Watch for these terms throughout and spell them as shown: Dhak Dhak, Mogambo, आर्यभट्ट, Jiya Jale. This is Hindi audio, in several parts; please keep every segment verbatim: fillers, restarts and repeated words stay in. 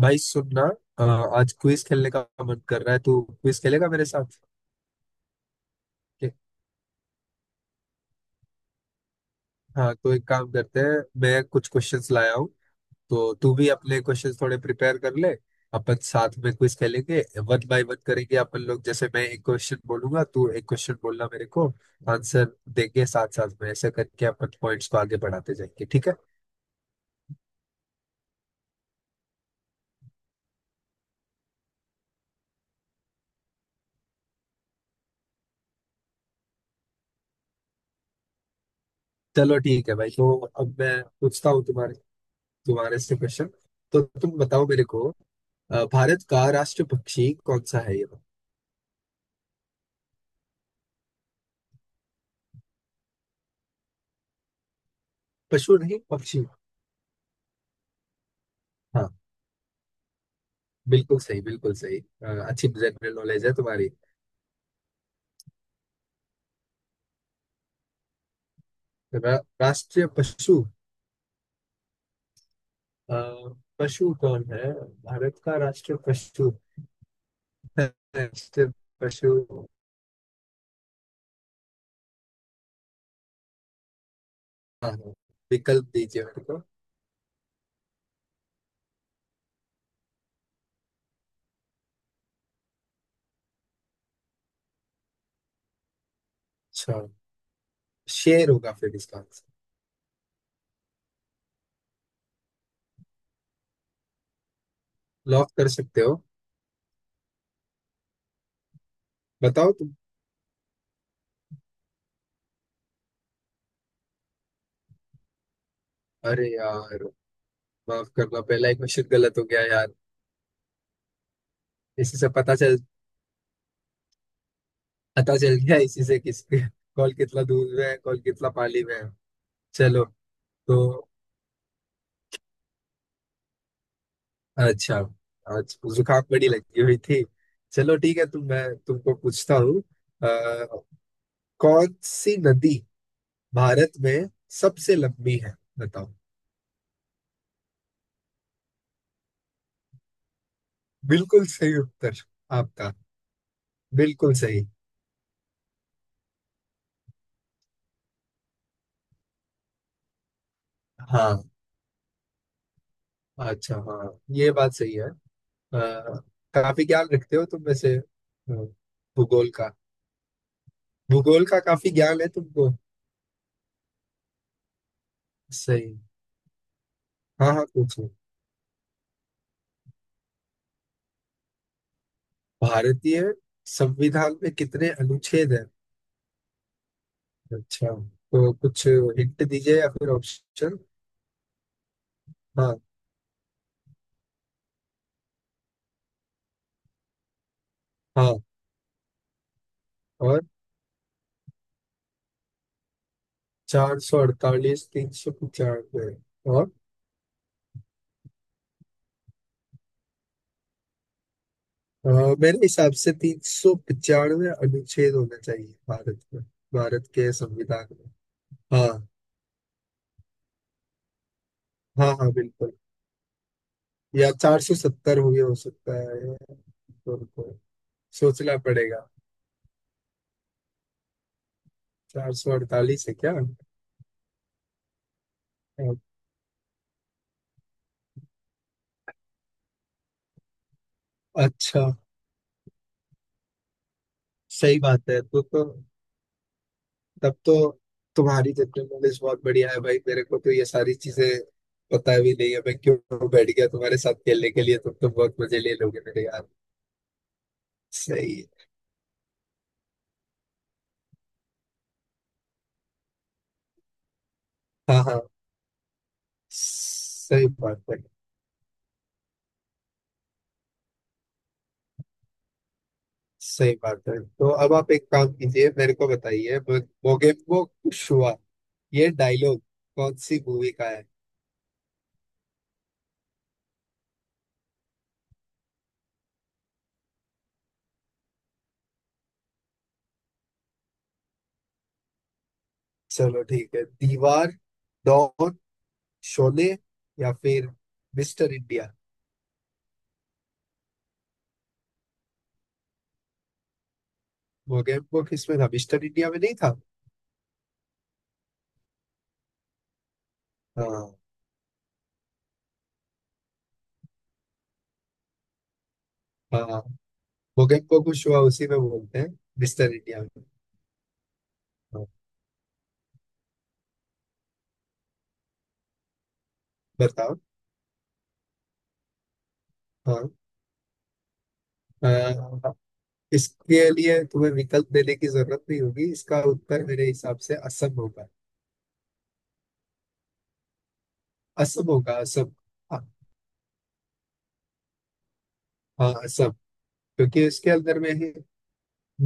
भाई सुनना। अ, आज क्विज खेलने का मन कर रहा है। तू क्विज खेलेगा मेरे साथ? के- हाँ, तो एक काम करते हैं, मैं कुछ क्वेश्चंस लाया हूँ, तो तू भी अपने क्वेश्चंस थोड़े प्रिपेयर कर ले। अपन साथ में क्विज खेलेंगे, वन बाय वन करेंगे अपन लोग। जैसे मैं एक क्वेश्चन बोलूंगा, तू एक क्वेश्चन बोलना मेरे को, आंसर देंगे साथ साथ में, ऐसे करके अपन पॉइंट्स को आगे बढ़ाते जाएंगे। ठीक है। चलो ठीक है भाई। तो अब मैं पूछता हूँ तुम्हारे तुम्हारे से क्वेश्चन, तो तुम बताओ मेरे को। अ, भारत का राष्ट्र पक्षी कौन सा है ये? पशु नहीं, पक्षी। हाँ, बिल्कुल सही, बिल्कुल सही। अ, अच्छी जनरल नॉलेज है तुम्हारी। रा, राष्ट्रीय पशु। अ, पशु कौन है, भारत का राष्ट्रीय पशु? राष्ट्रीय पशु। हाँ, हाँ, विकल्प दीजिए मेरे को। अच्छा, शेर होगा फिर इसका आंसर। लॉक कर सकते हो। बताओ तुम। अरे यार, माफ करना, पहला एक क्वेश्चन गलत हो गया यार। इसी से पता चल पता चल गया इसी से किस कॉल कितना दूर में है, कॉल कितना पाली में है। चलो, तो अच्छा, आज जुकाम बड़ी लगी हुई थी। चलो ठीक है तुम मैं तुमको पूछता हूँ। अ, कौन सी नदी भारत में सबसे लंबी है, बताओ? बिल्कुल सही उत्तर आपका। बिल्कुल सही। हाँ, अच्छा, हाँ ये बात सही है। अ, काफी ज्ञान रखते हो तुम वैसे। अ, भूगोल का भूगोल का काफी ज्ञान है तुमको। सही। हाँ हाँ, पूछो। भारतीय संविधान में कितने अनुच्छेद हैं? अच्छा, तो कुछ हिंट दीजिए या फिर ऑप्शन। हाँ। हाँ और चार सौ अड़तालीस, तीन सौ पचानवे और। अ, मेरे हिसाब से तीन सौ पचानवे अनुच्छेद होना चाहिए भारत में, भारत के संविधान में। हाँ, हाँ, हाँ बिल्कुल। या चार सौ सत्तर भी हो सकता है, या तो तो सोचना पड़ेगा। चार सौ अड़तालीस है क्या? अ, अच्छा, सही बात है। तो तो तब तो तुम्हारी जनरल नॉलेज बहुत बढ़िया है भाई। मेरे को तो ये सारी चीजें पता भी नहीं है, मैं क्यों बैठ गया तुम्हारे साथ खेलने के लिए, तुम तो बहुत मजे ले लोगे मेरे यार। सही है। हाँ हाँ, सही बात है। सही बात है। तो अब आप एक काम कीजिए, मेरे को बताइए, मो- मोगेम्बो खुश हुआ, ये डायलॉग कौन सी मूवी का है? चलो ठीक है। दीवार, डॉन, शोले या फिर मिस्टर इंडिया? मोगेम्बो किसमें था? मिस्टर इंडिया में नहीं था? हाँ, हाँ, भूकंप को कुशवा उसी में बोलते हैं, मिस्टर इंडिया में। हाँ। बताओ। हाँ। अ, इसके लिए तुम्हें विकल्प देने की जरूरत नहीं होगी, इसका उत्तर मेरे हिसाब से असम होगा। असम होगा, असम। हाँ। हाँ, असम। क्योंकि इसके अंदर में ही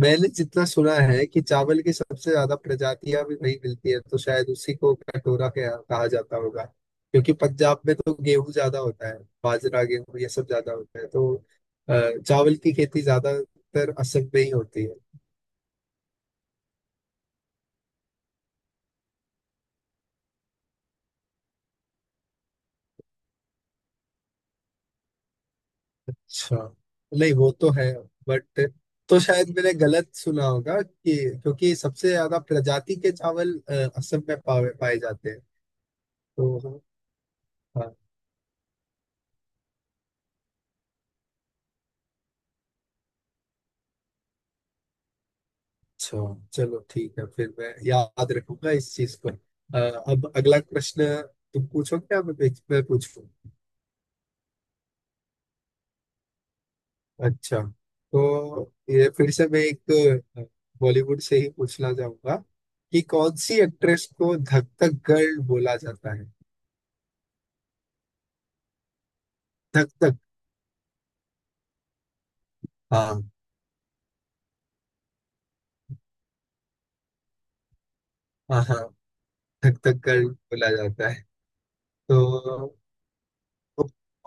मैंने जितना सुना है कि चावल की सबसे ज्यादा प्रजातियां भी वहीं मिलती है, तो शायद उसी को कटोरा कहा कहा जाता होगा। क्योंकि पंजाब में तो गेहूं ज्यादा होता है, बाजरा गेहूं ये सब ज्यादा होता है तो अ, चावल की खेती ज्यादातर असम में ही होती है। अच्छा। नहीं वो तो है, बट तो शायद मैंने गलत सुना होगा कि क्योंकि सबसे ज्यादा प्रजाति के चावल अ, असम में पाए पाए जाते हैं तो। हाँ। अच्छा, चलो ठीक है फिर मैं याद रखूंगा इस चीज को। अ, अब अगला प्रश्न तुम पूछोगे या मैं पूछ- मैं पूछूं? अच्छा, तो ये फिर से मैं एक अ, बॉलीवुड से ही पूछना चाहूंगा कि कौन सी एक्ट्रेस को धक धक गर्ल बोला जाता है? धक धक। हाँ, हाँ, हाँ। थक थक कर बोला जाता है तो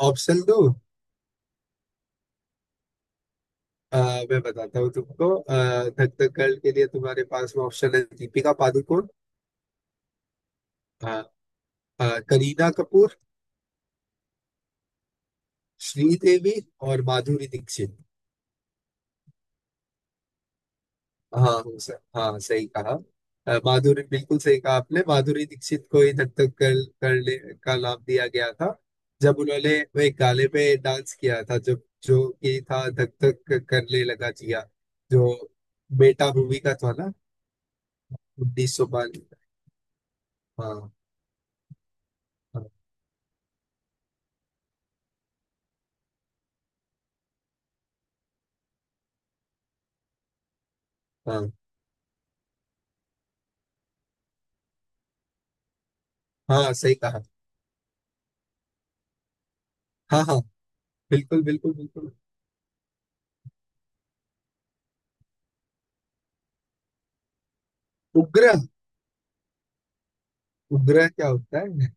ऑप्शन दो। मैं बताता हूँ तुमको। अ, थक थक कर के लिए तुम्हारे पास में ऑप्शन है: दीपिका पादुकोण, अ, अ, करीना कपूर, श्रीदेवी और माधुरी दीक्षित। हाँ, हो सर, हाँ सही कहा। अ, माधुरी, बिल्कुल सही कहा आपने, माधुरी दीक्षित को ही धक धक कर करने का नाम दिया गया था जब उन्होंने वो एक गाने पे डांस किया था, जब जो कि था धक धक करने लगा जिया, जो बेटा मूवी का था ना, उन्नीस सौ हाँ। हाँ, हाँ, हाँ सही कहा। हाँ हाँ, बिल्कुल, बिल्कुल, बिल्कुल। उपग्रह? उपग्रह क्या होता है?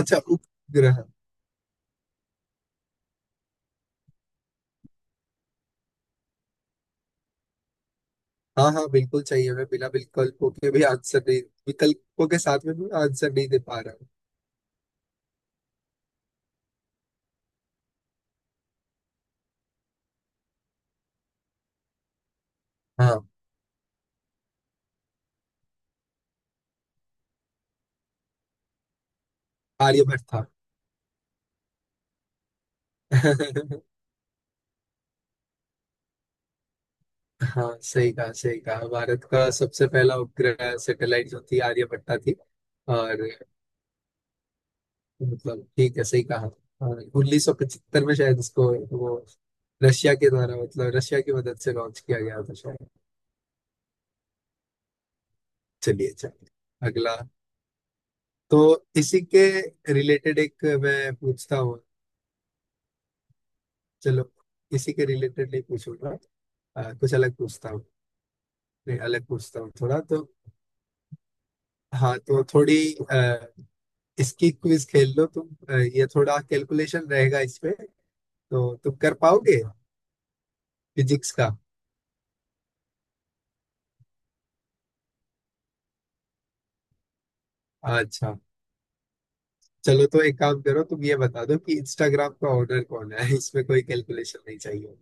अच्छा, उपग्रह। हाँ हाँ बिल्कुल चाहिए, मैं बिना विकल्पों के भी आंसर नहीं, विकल्पों के साथ में भी आंसर नहीं दे पा रहा हूँ। हाँ। आर्यभट्ट था। हाँ, सही कहा, सही कहा। भारत का सबसे पहला उपग्रह सैटेलाइट जो थी, आर्यभट्ट थी। और, मतलब, ठीक है सही कहा। हाँ, उन्नीस सौ पचहत्तर में शायद उसको वो रशिया के द्वारा, मतलब रशिया की मदद से लॉन्च किया गया था शायद। चलिए। अच्छा, अगला। तो इसी के रिलेटेड एक मैं पूछता हूँ। चलो, इसी के रिलेटेड नहीं पूछूंगा। अ, कुछ अलग पूछता हूँ। नहीं, अलग पूछता हूँ थोड़ा तो। हाँ, तो थोड़ी अ, इसकी क्विज खेल लो तुम। अ, ये थोड़ा कैलकुलेशन रहेगा इसमें, तो तुम कर पाओगे? फिजिक्स का। अच्छा, चलो तो एक काम करो, तुम ये बता दो कि इंस्टाग्राम का ओनर कौन है? इसमें कोई कैलकुलेशन नहीं चाहिए।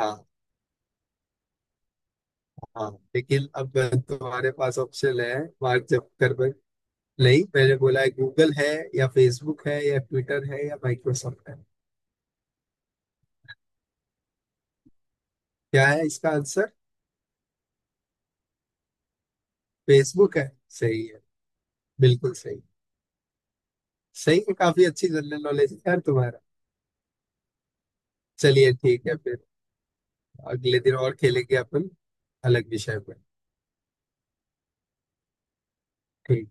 हाँ हाँ। लेकिन अब तुम्हारे पास ऑप्शन है। मार्क जुकरबर्ग नहीं, मैंने बोला है गूगल है, या फेसबुक है, या ट्विटर है, या माइक्रोसॉफ्ट है? क्या है इसका आंसर? फेसबुक है? सही है। बिल्कुल सही। सही है, काफी अच्छी जनरल नॉलेज है यार तुम्हारा। चलिए ठीक है फिर, अगले दिन और खेलेंगे अपन, अलग विषय पर। ठीक।